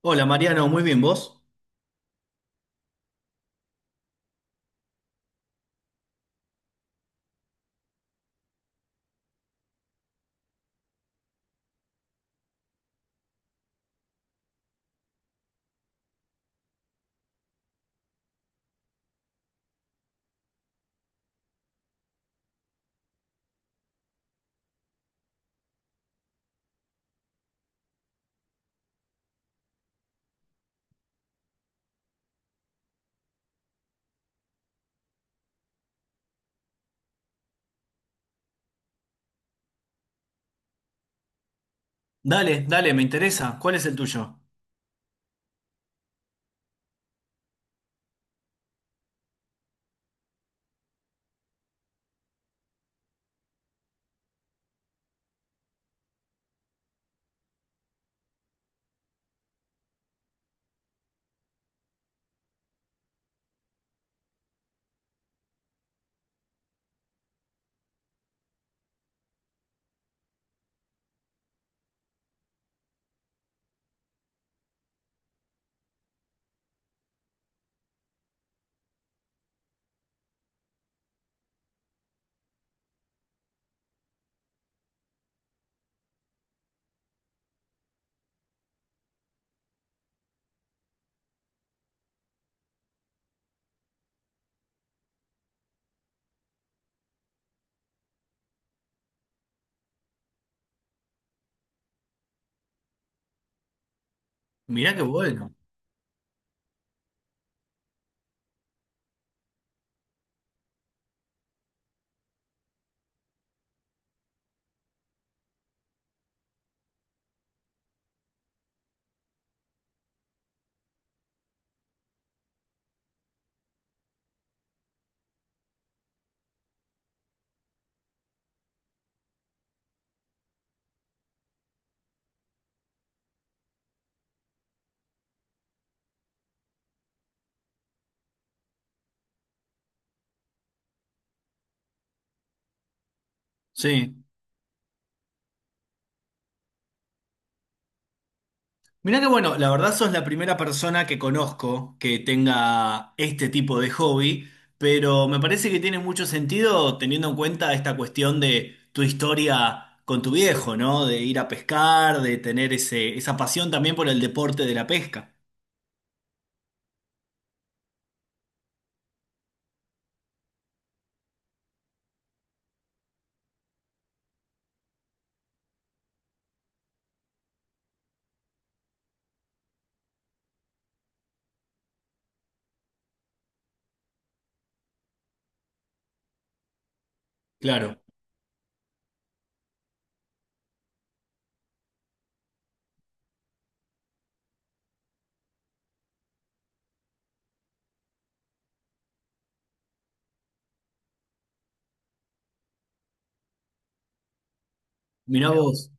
Hola Mariano, muy bien, ¿vos? Dale, dale, me interesa. ¿Cuál es el tuyo? Mirá qué bueno. Sí. Mirá qué bueno, la verdad sos la primera persona que conozco que tenga este tipo de hobby, pero me parece que tiene mucho sentido teniendo en cuenta esta cuestión de tu historia con tu viejo, ¿no? De ir a pescar, de tener esa pasión también por el deporte de la pesca. Claro. Mirá Mira, vos.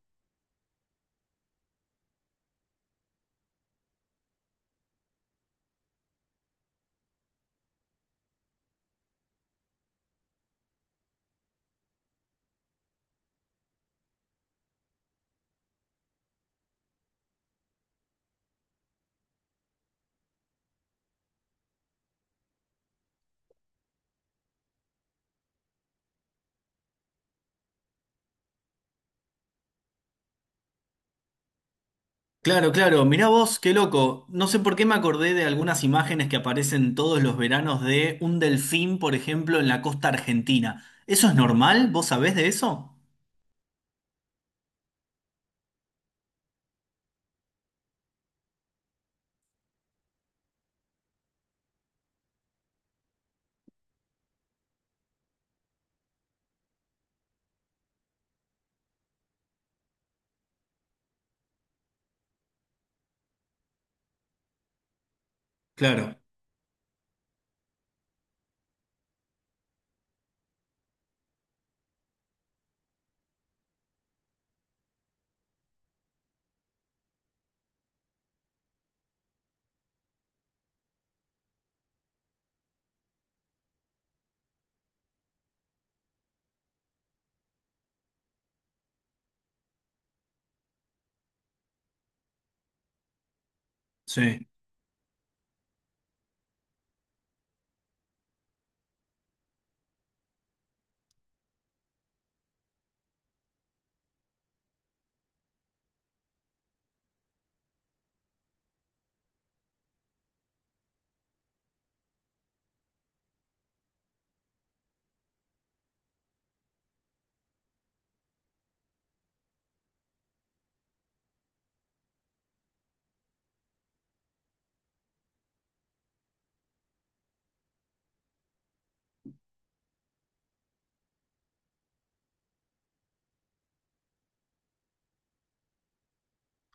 Claro, claro. Mirá vos, qué loco. No sé por qué me acordé de algunas imágenes que aparecen todos los veranos de un delfín, por ejemplo, en la costa argentina. ¿Eso es normal? ¿Vos sabés de eso? Claro, sí.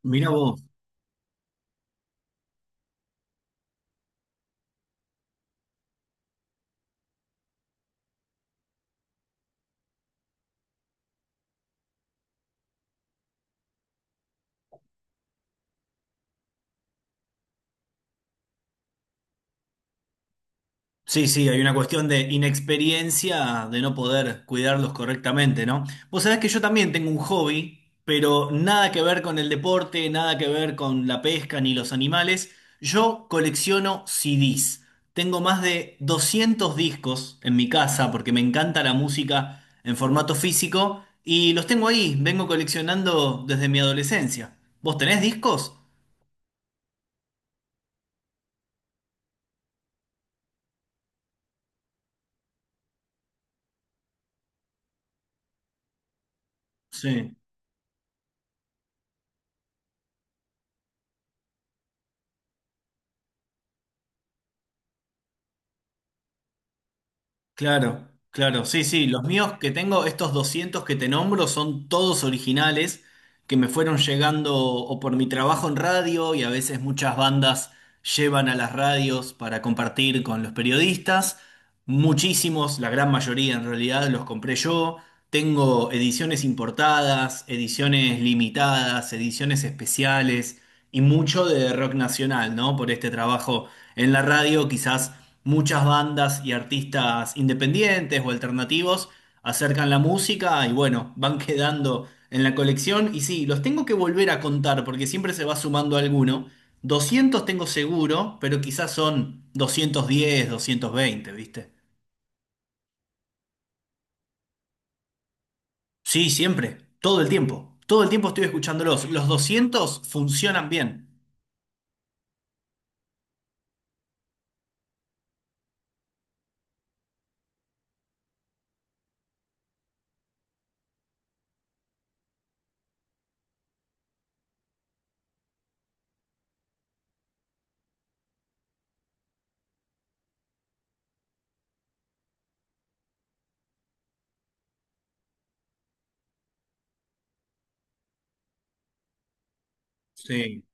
Mirá vos. Sí, sí, hay una cuestión de inexperiencia, de no poder cuidarlos correctamente, ¿no? Vos sabés que yo también tengo un hobby, pero nada que ver con el deporte, nada que ver con la pesca ni los animales. Yo colecciono CDs. Tengo más de 200 discos en mi casa porque me encanta la música en formato físico y los tengo ahí, vengo coleccionando desde mi adolescencia. ¿Vos tenés discos? Sí. Claro, claro, sí, sí, los míos que tengo, estos 200 que te nombro, son todos originales que me fueron llegando o por mi trabajo en radio y a veces muchas bandas llevan a las radios para compartir con los periodistas. Muchísimos, la gran mayoría en realidad, los compré yo. Tengo ediciones importadas, ediciones limitadas, ediciones especiales y mucho de rock nacional, ¿no? Por este trabajo en la radio, quizás muchas bandas y artistas independientes o alternativos acercan la música y bueno, van quedando en la colección. Y sí, los tengo que volver a contar porque siempre se va sumando alguno. 200 tengo seguro, pero quizás son 210, 220, ¿viste? Sí, siempre, todo el tiempo. Todo el tiempo estoy escuchándolos. Los 200 funcionan bien. Sí.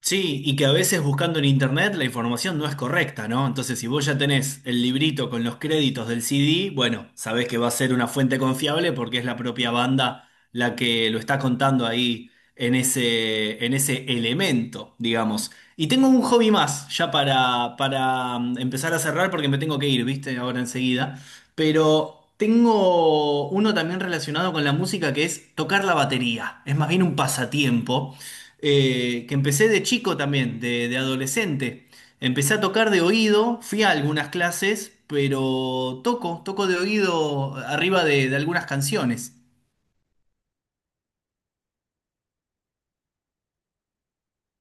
Sí, y que a veces buscando en internet la información no es correcta, ¿no? Entonces, si vos ya tenés el librito con los créditos del CD, bueno, sabés que va a ser una fuente confiable porque es la propia banda la que lo está contando ahí en ese elemento, digamos. Y tengo un hobby más ya para empezar a cerrar porque me tengo que ir, ¿viste? Ahora enseguida. Pero tengo uno también relacionado con la música que es tocar la batería. Es más bien un pasatiempo que empecé de chico también, de adolescente. Empecé a tocar de oído, fui a algunas clases, pero toco de oído arriba de algunas canciones.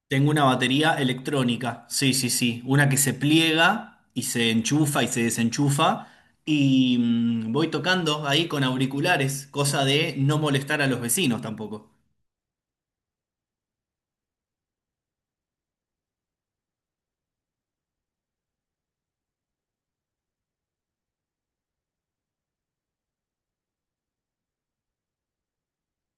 Tengo una batería electrónica, sí, sí, sí, una que se pliega y se enchufa y se desenchufa y voy tocando ahí con auriculares, cosa de no molestar a los vecinos tampoco.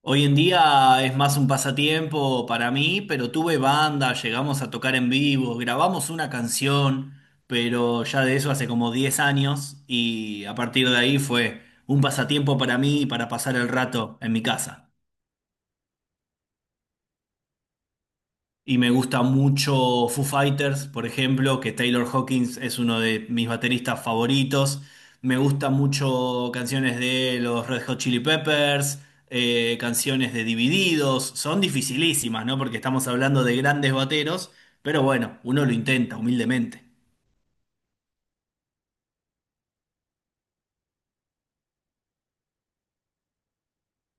Hoy en día es más un pasatiempo para mí, pero tuve banda, llegamos a tocar en vivo, grabamos una canción, pero ya de eso hace como 10 años y a partir de ahí fue un pasatiempo para mí y para pasar el rato en mi casa. Y me gusta mucho Foo Fighters, por ejemplo, que Taylor Hawkins es uno de mis bateristas favoritos. Me gusta mucho canciones de los Red Hot Chili Peppers, canciones de Divididos. Son dificilísimas, ¿no? Porque estamos hablando de grandes bateros, pero bueno, uno lo intenta humildemente.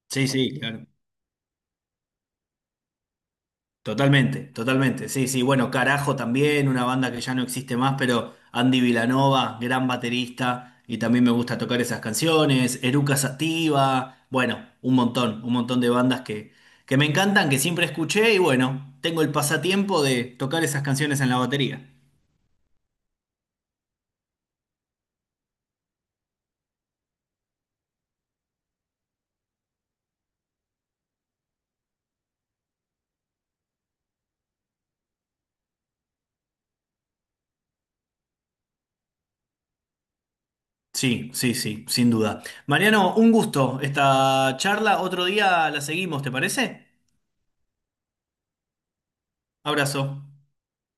Sí, sí, claro. Totalmente, totalmente. Sí, sí, bueno, Carajo también, una banda que ya no existe más, pero Andy Vilanova, gran baterista, y también me gusta tocar esas canciones, Eruca Sativa, bueno, un montón de bandas que me encantan, que siempre escuché, y bueno, tengo el pasatiempo de tocar esas canciones en la batería. Sí, sí, sí, sin duda. Mariano, un gusto esta charla, otro día la seguimos, ¿te parece? Abrazo.